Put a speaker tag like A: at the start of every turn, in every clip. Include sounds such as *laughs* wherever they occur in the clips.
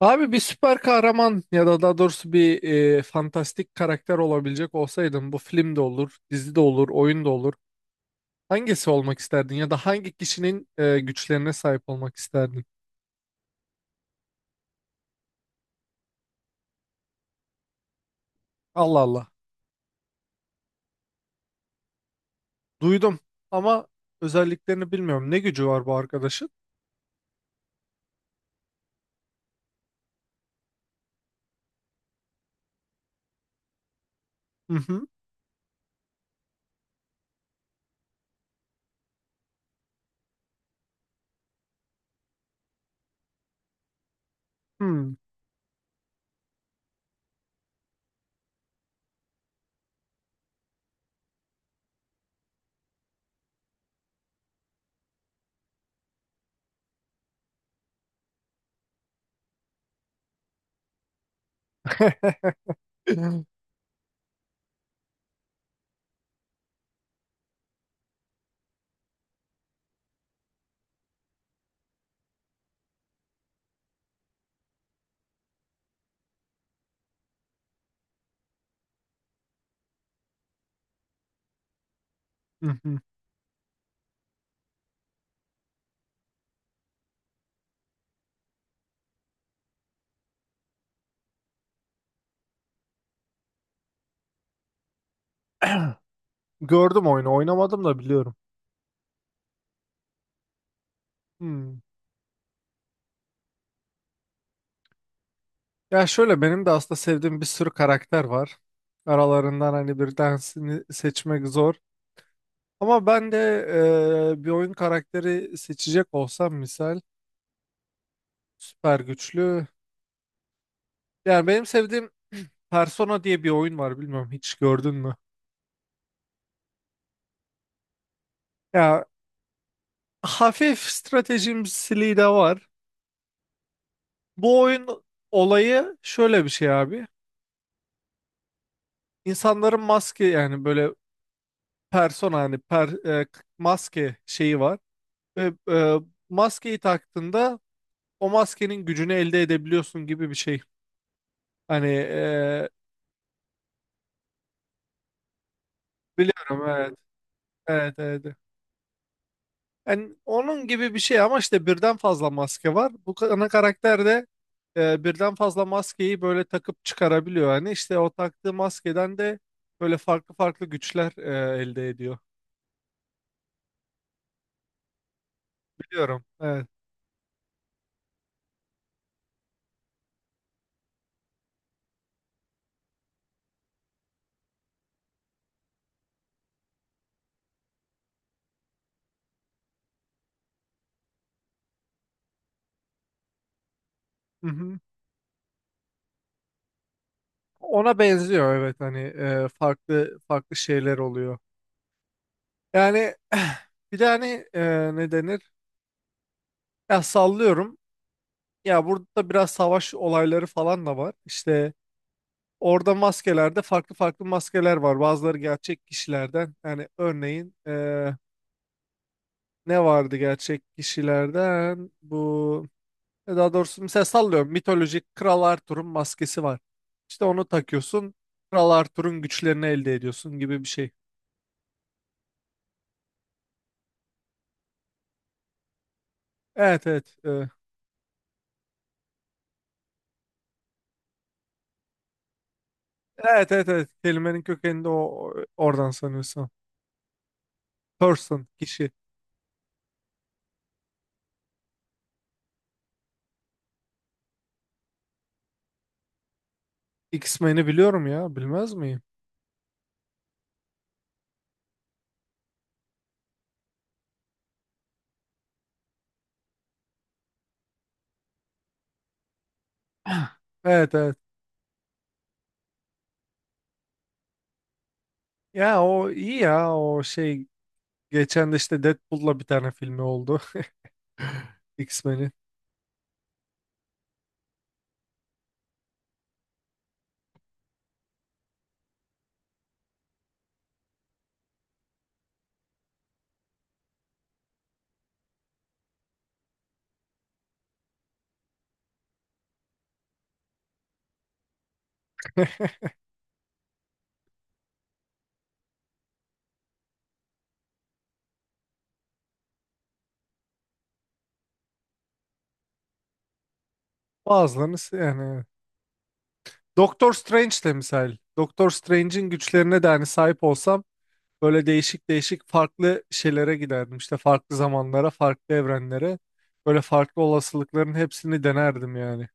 A: Abi bir süper kahraman ya da daha doğrusu bir fantastik karakter olabilecek olsaydın bu film de olur, dizi de olur, oyun da olur. Hangisi olmak isterdin ya da hangi kişinin güçlerine sahip olmak isterdin? Allah Allah. Duydum ama özelliklerini bilmiyorum. Ne gücü var bu arkadaşın? Hı hı. Hmm. *laughs* Hı hı. Gördüm oyunu, oynamadım da biliyorum. Hmm. Ya şöyle benim de aslında sevdiğim bir sürü karakter var. Aralarından hani bir tanesini seçmek zor. Ama ben de bir oyun karakteri seçecek olsam misal süper güçlü. Yani benim sevdiğim Persona diye bir oyun var, bilmiyorum, hiç gördün mü? Ya hafif stratejimsiliği de var. Bu oyun olayı şöyle bir şey abi. İnsanların maske, yani böyle persona, hani maske şeyi var. Ve maskeyi taktığında o maskenin gücünü elde edebiliyorsun gibi bir şey. Hani biliyorum, evet. Evet, evet. Yani onun gibi bir şey ama işte birden fazla maske var. Ana karakter de birden fazla maskeyi böyle takıp çıkarabiliyor. Yani işte o taktığı maskeden de böyle farklı farklı güçler elde ediyor. Biliyorum. Evet. Hı hı. Ona benziyor, evet, hani farklı farklı şeyler oluyor. Yani *clears throat* *sighs* bir de hani, ne denir? Ya sallıyorum. Ya burada biraz savaş olayları falan da var. İşte orada maskelerde farklı farklı maskeler var. Bazıları gerçek kişilerden. Yani örneğin ne vardı gerçek kişilerden? Bu daha doğrusu mesela sallıyorum, mitolojik Kral Arthur'un maskesi var. İşte onu takıyorsun. Kral Arthur'un güçlerini elde ediyorsun gibi bir şey. Evet, evet. Evet, evet, evet. Kelimenin kökeninde o oradan sanıyorsun. Person, kişi. X-Men'i biliyorum ya. Bilmez miyim? *clears throat* Evet, evet. Ya o iyi, ya o şey, geçen de işte Deadpool'la bir tane filmi oldu. *laughs* X-Men'in. Bazılarını yani. Doctor Strange de misal. Doctor Strange'in güçlerine de hani sahip olsam böyle değişik değişik farklı şeylere giderdim. İşte farklı zamanlara, farklı evrenlere. Böyle farklı olasılıkların hepsini denerdim yani.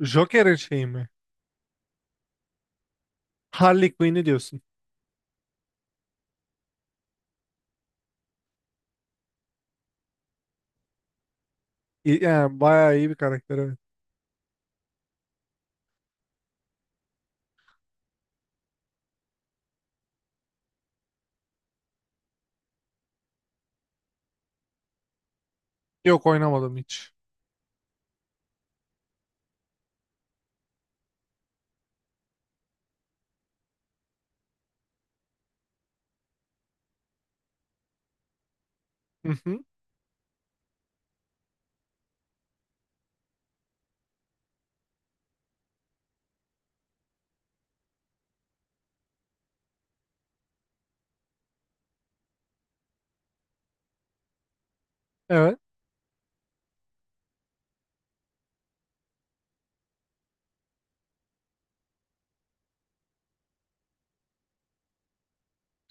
A: Joker'in şeyi mi? Harley Quinn'i diyorsun. Yani bayağı iyi bir karakter, evet. Yok, oynamadım hiç. Hı hı. Evet.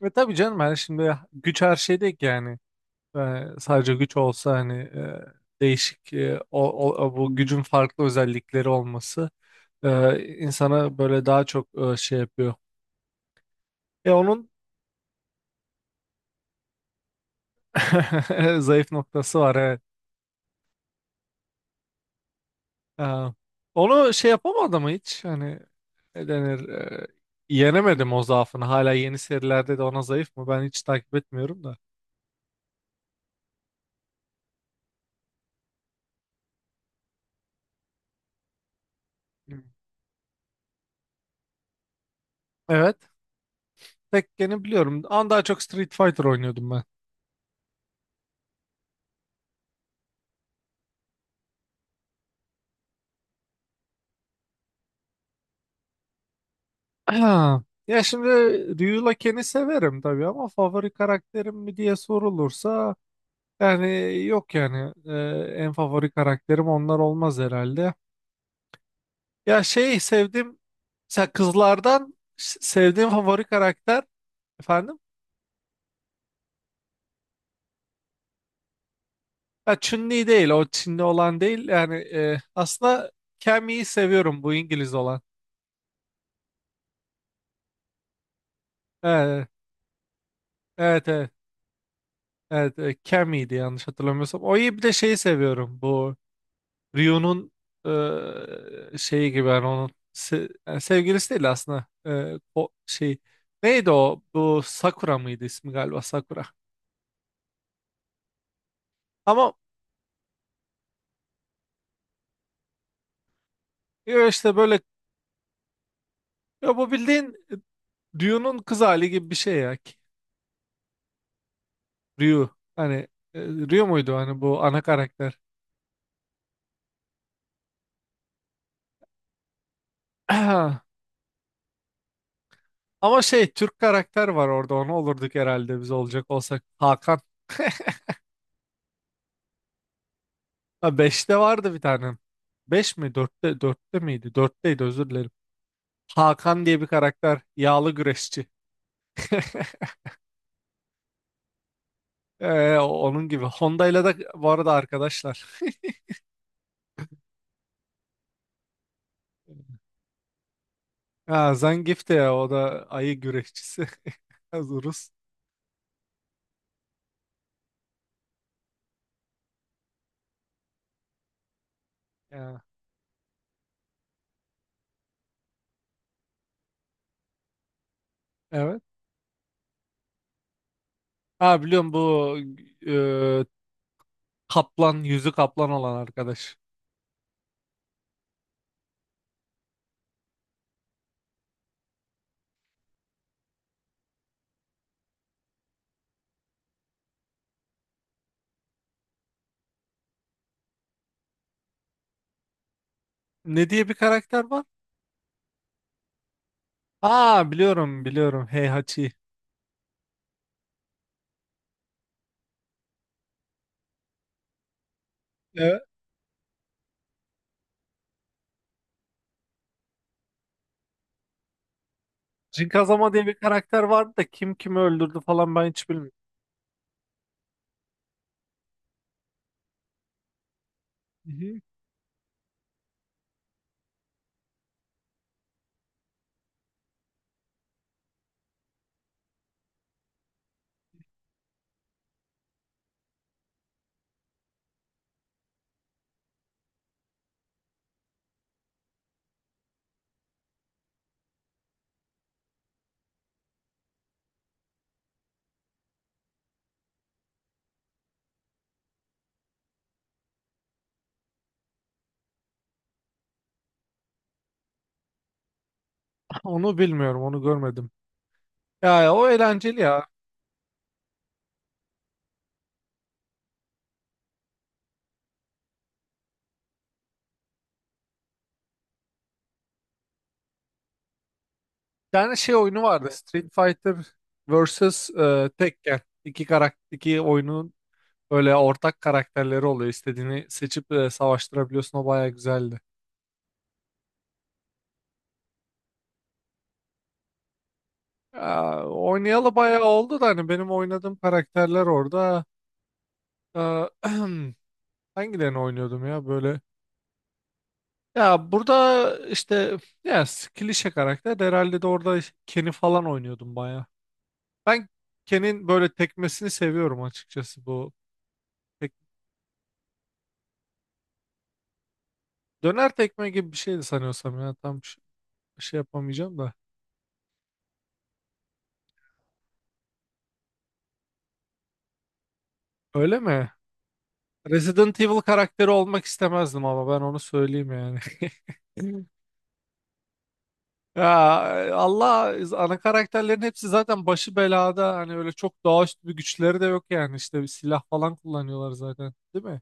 A: Ve tabii canım, yani şimdi güç her şey değil ki yani. Sadece güç olsa hani, değişik, bu gücün farklı özellikleri olması insana böyle daha çok şey yapıyor. E onun *laughs* zayıf noktası var, evet. E, Onu şey yapamadı mı hiç? Hani ne denir? Yenemedim o zaafını. Hala yeni serilerde de ona zayıf mı? Ben hiç takip etmiyorum da. Hmm. Evet. Tekken'i biliyorum. Ama daha çok Street Fighter oynuyordum ben. Ha, ya şimdi Ryu Laken'i severim tabii ama favori karakterim mi diye sorulursa, yani yok yani, en favori karakterim onlar olmaz herhalde. Ya şey, sevdim mesela kızlardan sevdiğim favori karakter, efendim, ya Chun-Li değil, o Çinli olan değil yani, aslında Cammy'yi seviyorum, bu İngiliz olan. Evet, evet, evet, evet, Cammy'ydi yanlış hatırlamıyorsam. O iyi, bir de şeyi seviyorum bu. Ryu'nun şeyi gibi, yani onun yani sevgilisi değil aslında. O şey neydi o, bu Sakura mıydı ismi, galiba Sakura ama ya işte böyle, ya bu bildiğin Ryu'nun kız hali gibi bir şey ya. Ryu, hani, Ryu muydu hani bu ana karakter? *clears throat* Ama şey, Türk karakter var orada, onu olurduk herhalde biz olacak olsak, Hakan. *laughs* Ha, 5'te vardı bir tane, 5 mi, dörtte, dörtte miydi, dörtteydi, özür dilerim, Hakan diye bir karakter. Yağlı güreşçi. *laughs* Onun gibi. Honda ile de bu arada arkadaşlar. *laughs* Ha, Zangief de, ya o da ayı güreşçisi. *laughs* Az Rus. Ya, evet. Ha, biliyorum bu, e, kaplan, yüzü kaplan olan arkadaş. Ne diye bir karakter var? Ha, biliyorum biliyorum. Heihachi. Evet. Jinkazama diye bir karakter vardı da kim kimi öldürdü falan ben hiç bilmiyorum. Hı hı. Onu bilmiyorum, onu görmedim. Ya ya, o eğlenceli ya. Bir tane şey oyunu vardı, Street Fighter vs Tekken. İki karakter, iki oyunun böyle ortak karakterleri oluyor. İstediğini seçip savaştırabiliyorsun. O baya güzeldi. Aa, oynayalı baya oldu da hani benim oynadığım karakterler orada. Aa, *clears throat* hangilerini oynuyordum ya böyle? Ya burada işte, ya, klişe karakter de herhalde de orada Ken'i falan oynuyordum baya. Ben Ken'in böyle tekmesini seviyorum açıkçası bu. Döner tekme gibi bir şeydi sanıyorsam ya. Şey yapamayacağım da. Öyle mi? Resident Evil karakteri olmak istemezdim ama, ben onu söyleyeyim yani. *laughs* Ya Allah, ana karakterlerin hepsi zaten başı belada. Hani öyle çok doğaüstü bir güçleri de yok yani. İşte bir silah falan kullanıyorlar zaten. Değil mi?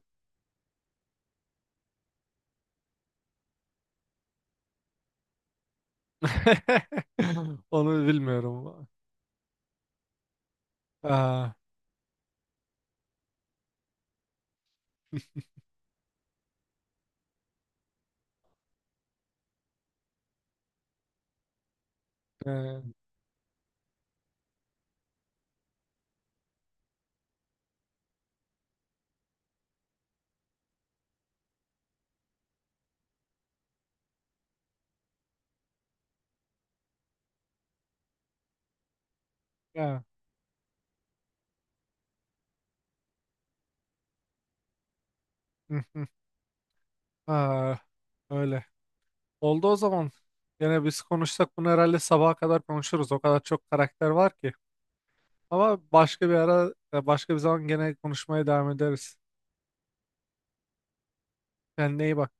A: *laughs* Onu bilmiyorum. Aa, e, ya. *laughs* Aa, öyle. Oldu o zaman. Yine biz konuşsak bunu herhalde sabaha kadar konuşuruz. O kadar çok karakter var ki. Ama başka bir ara, başka bir zaman gene konuşmaya devam ederiz. Kendine iyi bak.